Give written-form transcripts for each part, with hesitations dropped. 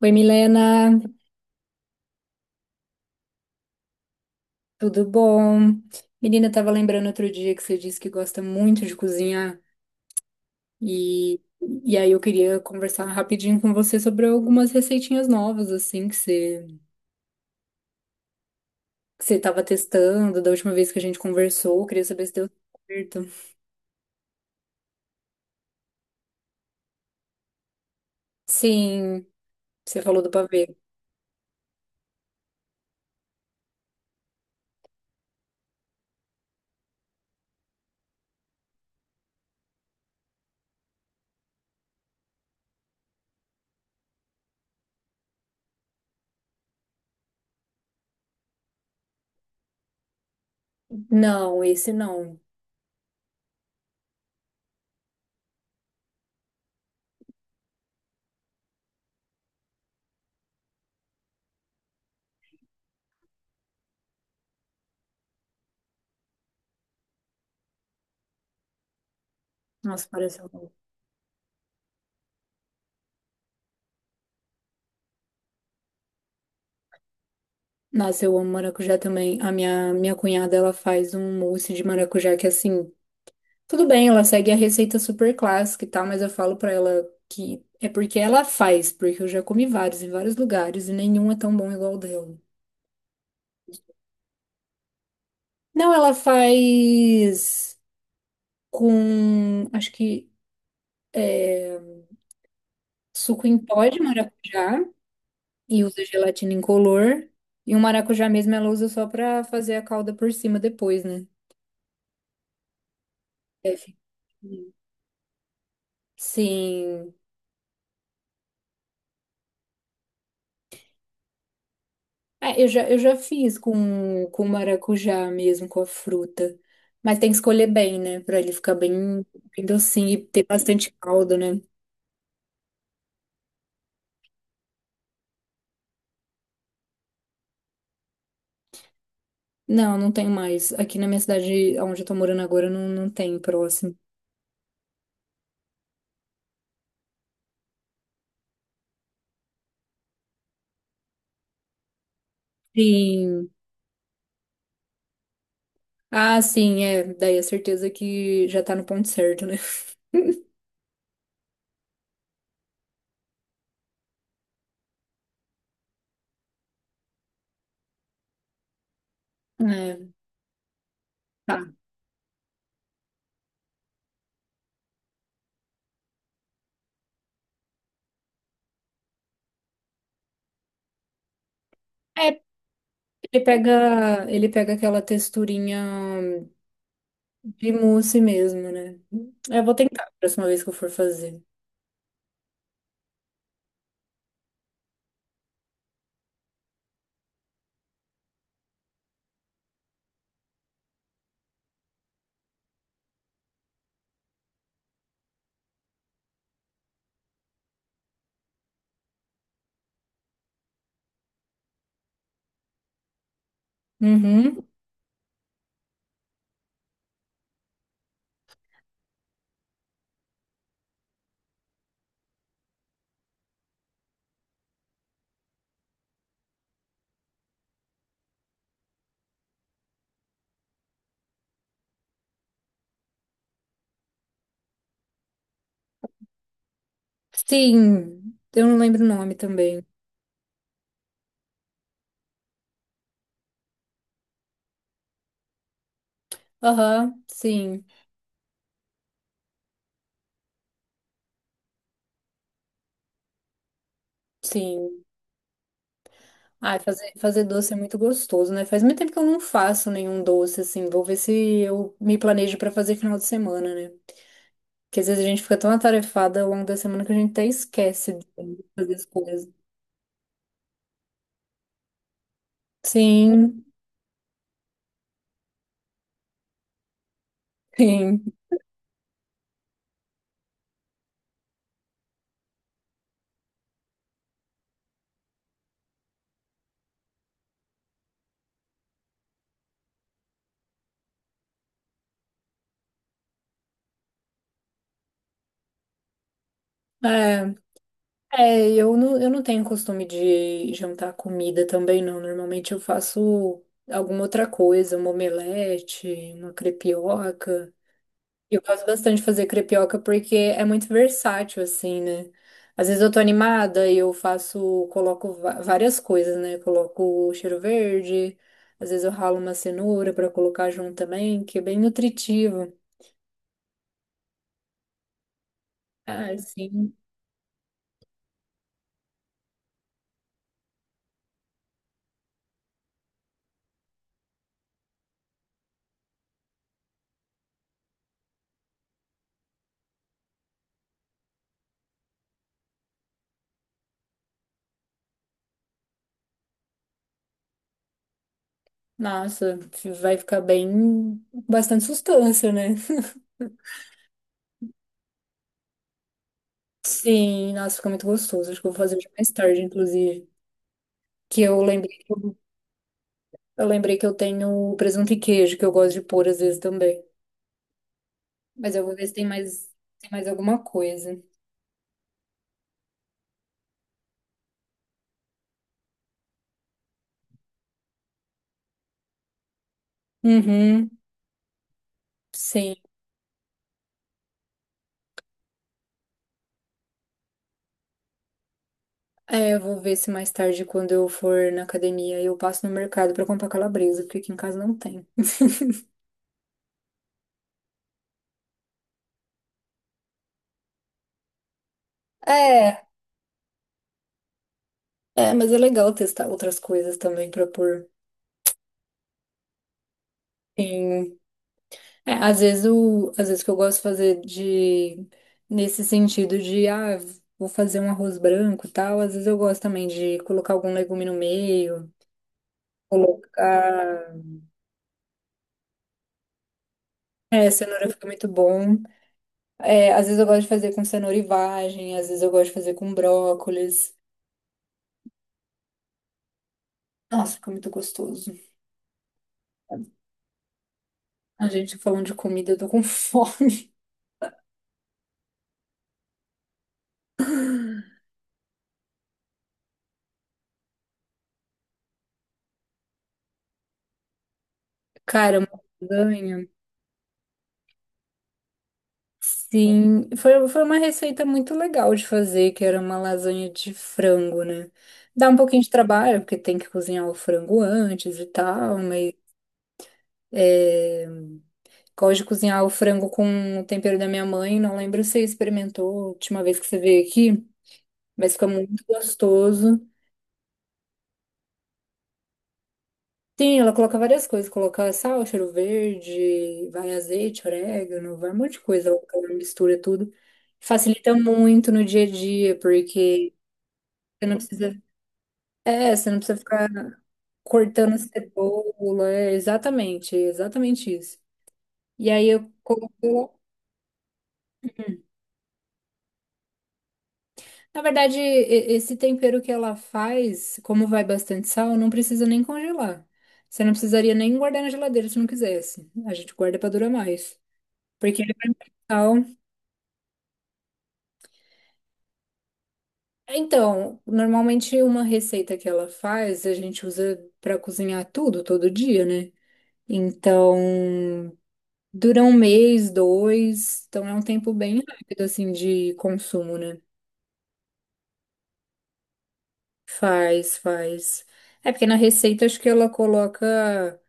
Oi, Milena, tudo bom? Menina, eu tava lembrando outro dia que você disse que gosta muito de cozinhar e, e aí eu queria conversar rapidinho com você sobre algumas receitinhas novas, assim, que você tava testando da última vez que a gente conversou. Eu queria saber se deu certo. Sim, você falou do pavê. Não, esse não. Nossa, pareceu bom. Nossa, eu amo maracujá também. A minha cunhada, ela faz um mousse de maracujá que, assim, tudo bem, ela segue a receita super clássica e tal, mas eu falo pra ela que é porque ela faz, porque eu já comi vários em vários lugares e nenhum é tão bom igual o dela. Não, ela faz com, acho que é, suco em pó de maracujá e usa gelatina incolor. E o maracujá mesmo ela usa só pra fazer a calda por cima depois, né? É, Sim. É, eu já fiz com maracujá mesmo, com a fruta. Mas tem que escolher bem, né? Pra ele ficar bem, bem docinho e ter bastante caldo, né? Não, não tem mais. Aqui na minha cidade, onde eu tô morando agora, não, não tem próximo. Sim. Ah, sim, é. Daí a certeza que já tá no ponto certo, né? É, tá. É, ele pega aquela texturinha de mousse mesmo, né? Eu vou tentar a próxima vez que eu for fazer. Uhum. Sim, eu não lembro o nome também. Aham, sim, sim. Ai, fazer doce é muito gostoso, né? Faz muito tempo que eu não faço nenhum doce, assim. Vou ver se eu me planejo pra fazer final de semana, né? Porque às vezes a gente fica tão atarefada ao longo da semana que a gente até esquece de fazer as coisas. Sim, sim. É, é, eu não tenho costume de jantar comida também, não. Normalmente eu faço alguma outra coisa, uma omelete, uma crepioca. Eu gosto bastante de fazer crepioca porque é muito versátil, assim, né? Às vezes eu tô animada e eu faço, coloco várias coisas, né? Coloco cheiro verde, às vezes eu ralo uma cenoura pra colocar junto também, que é bem nutritivo. Ah, sim. Nossa, vai ficar bem, bastante sustância, né? Sim, nossa, fica muito gostoso. Acho que eu vou fazer hoje mais tarde, inclusive. Que eu lembrei que eu tenho presunto e queijo, que eu gosto de pôr às vezes também. Mas eu vou ver se tem mais alguma coisa. Uhum, sim. É, eu vou ver se mais tarde, quando eu for na academia, eu passo no mercado pra comprar calabresa, porque aqui em casa não tem. É, é, mas é legal testar outras coisas também pra pôr. em- É, às vezes o que eu gosto de fazer de nesse sentido de ah, vou fazer um arroz branco e tal, às vezes eu gosto também de colocar algum legume no meio, colocar, cenoura fica muito bom. É, às vezes eu gosto de fazer com cenoura e vagem, às vezes eu gosto de fazer com brócolis. Nossa, fica muito gostoso. A gente falando de comida, eu tô com fome. Cara, uma lasanha. Sim, foi uma receita muito legal de fazer, que era uma lasanha de frango, né? Dá um pouquinho de trabalho, porque tem que cozinhar o frango antes e tal, mas é, gosto de cozinhar o frango com o tempero da minha mãe. Não lembro se você experimentou a última vez que você veio aqui, mas fica muito gostoso. Sim, ela coloca várias coisas. Coloca sal, cheiro verde, vai azeite, orégano, vai um monte de coisa. Ela coloca, mistura tudo. Facilita muito no dia a dia, porque você não precisa, você não precisa ficar cortando cebola. É exatamente isso. E aí eu coloco. Na verdade, esse tempero que ela faz, como vai bastante sal, não precisa nem congelar. Você não precisaria nem guardar na geladeira se não quisesse. A gente guarda para durar mais. Porque Então, normalmente uma receita que ela faz, a gente usa para cozinhar tudo, todo dia, né? Então, dura um mês, dois, então é um tempo bem rápido, assim, de consumo, né? Faz, faz. É porque na receita acho que ela coloca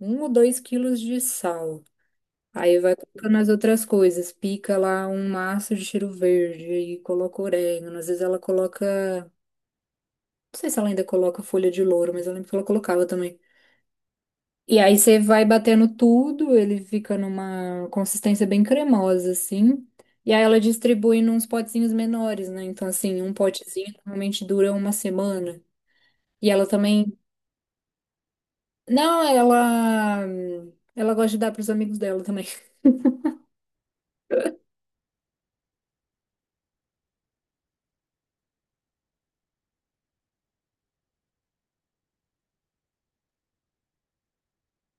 1 ou 2 quilos de sal. Aí vai colocando as outras coisas, pica lá um maço de cheiro verde e coloca orégano. Às vezes ela coloca, não sei se ela ainda coloca folha de louro, mas eu lembro que ela colocava também. E aí você vai batendo tudo, ele fica numa consistência bem cremosa, assim. E aí ela distribui nos potezinhos menores, né? Então, assim, um potezinho normalmente dura uma semana. E ela também. Não, ela. Ela gosta de dar pros amigos dela também.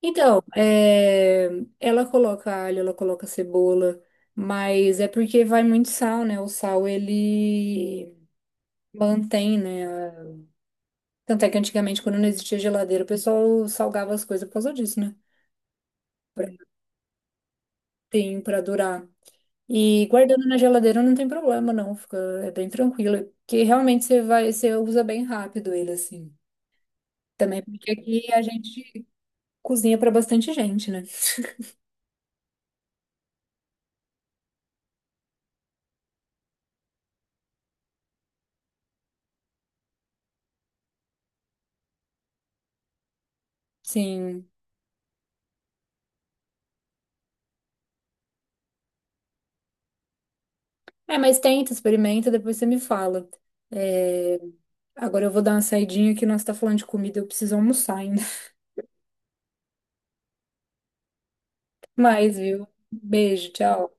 Então, é, ela coloca alho, ela coloca cebola, mas é porque vai muito sal, né? O sal ele mantém, né? Tanto é que antigamente, quando não existia geladeira, o pessoal salgava as coisas por causa disso, né? Pra, tem para durar. E guardando na geladeira não tem problema, não. É bem tranquilo. Porque realmente você usa bem rápido ele, assim. Também porque aqui a gente cozinha para bastante gente, né? Sim. É, mas tenta, experimenta, depois você me fala. É, agora eu vou dar uma saidinha que nós tá falando de comida, eu preciso almoçar ainda. Mas, viu? Beijo, tchau.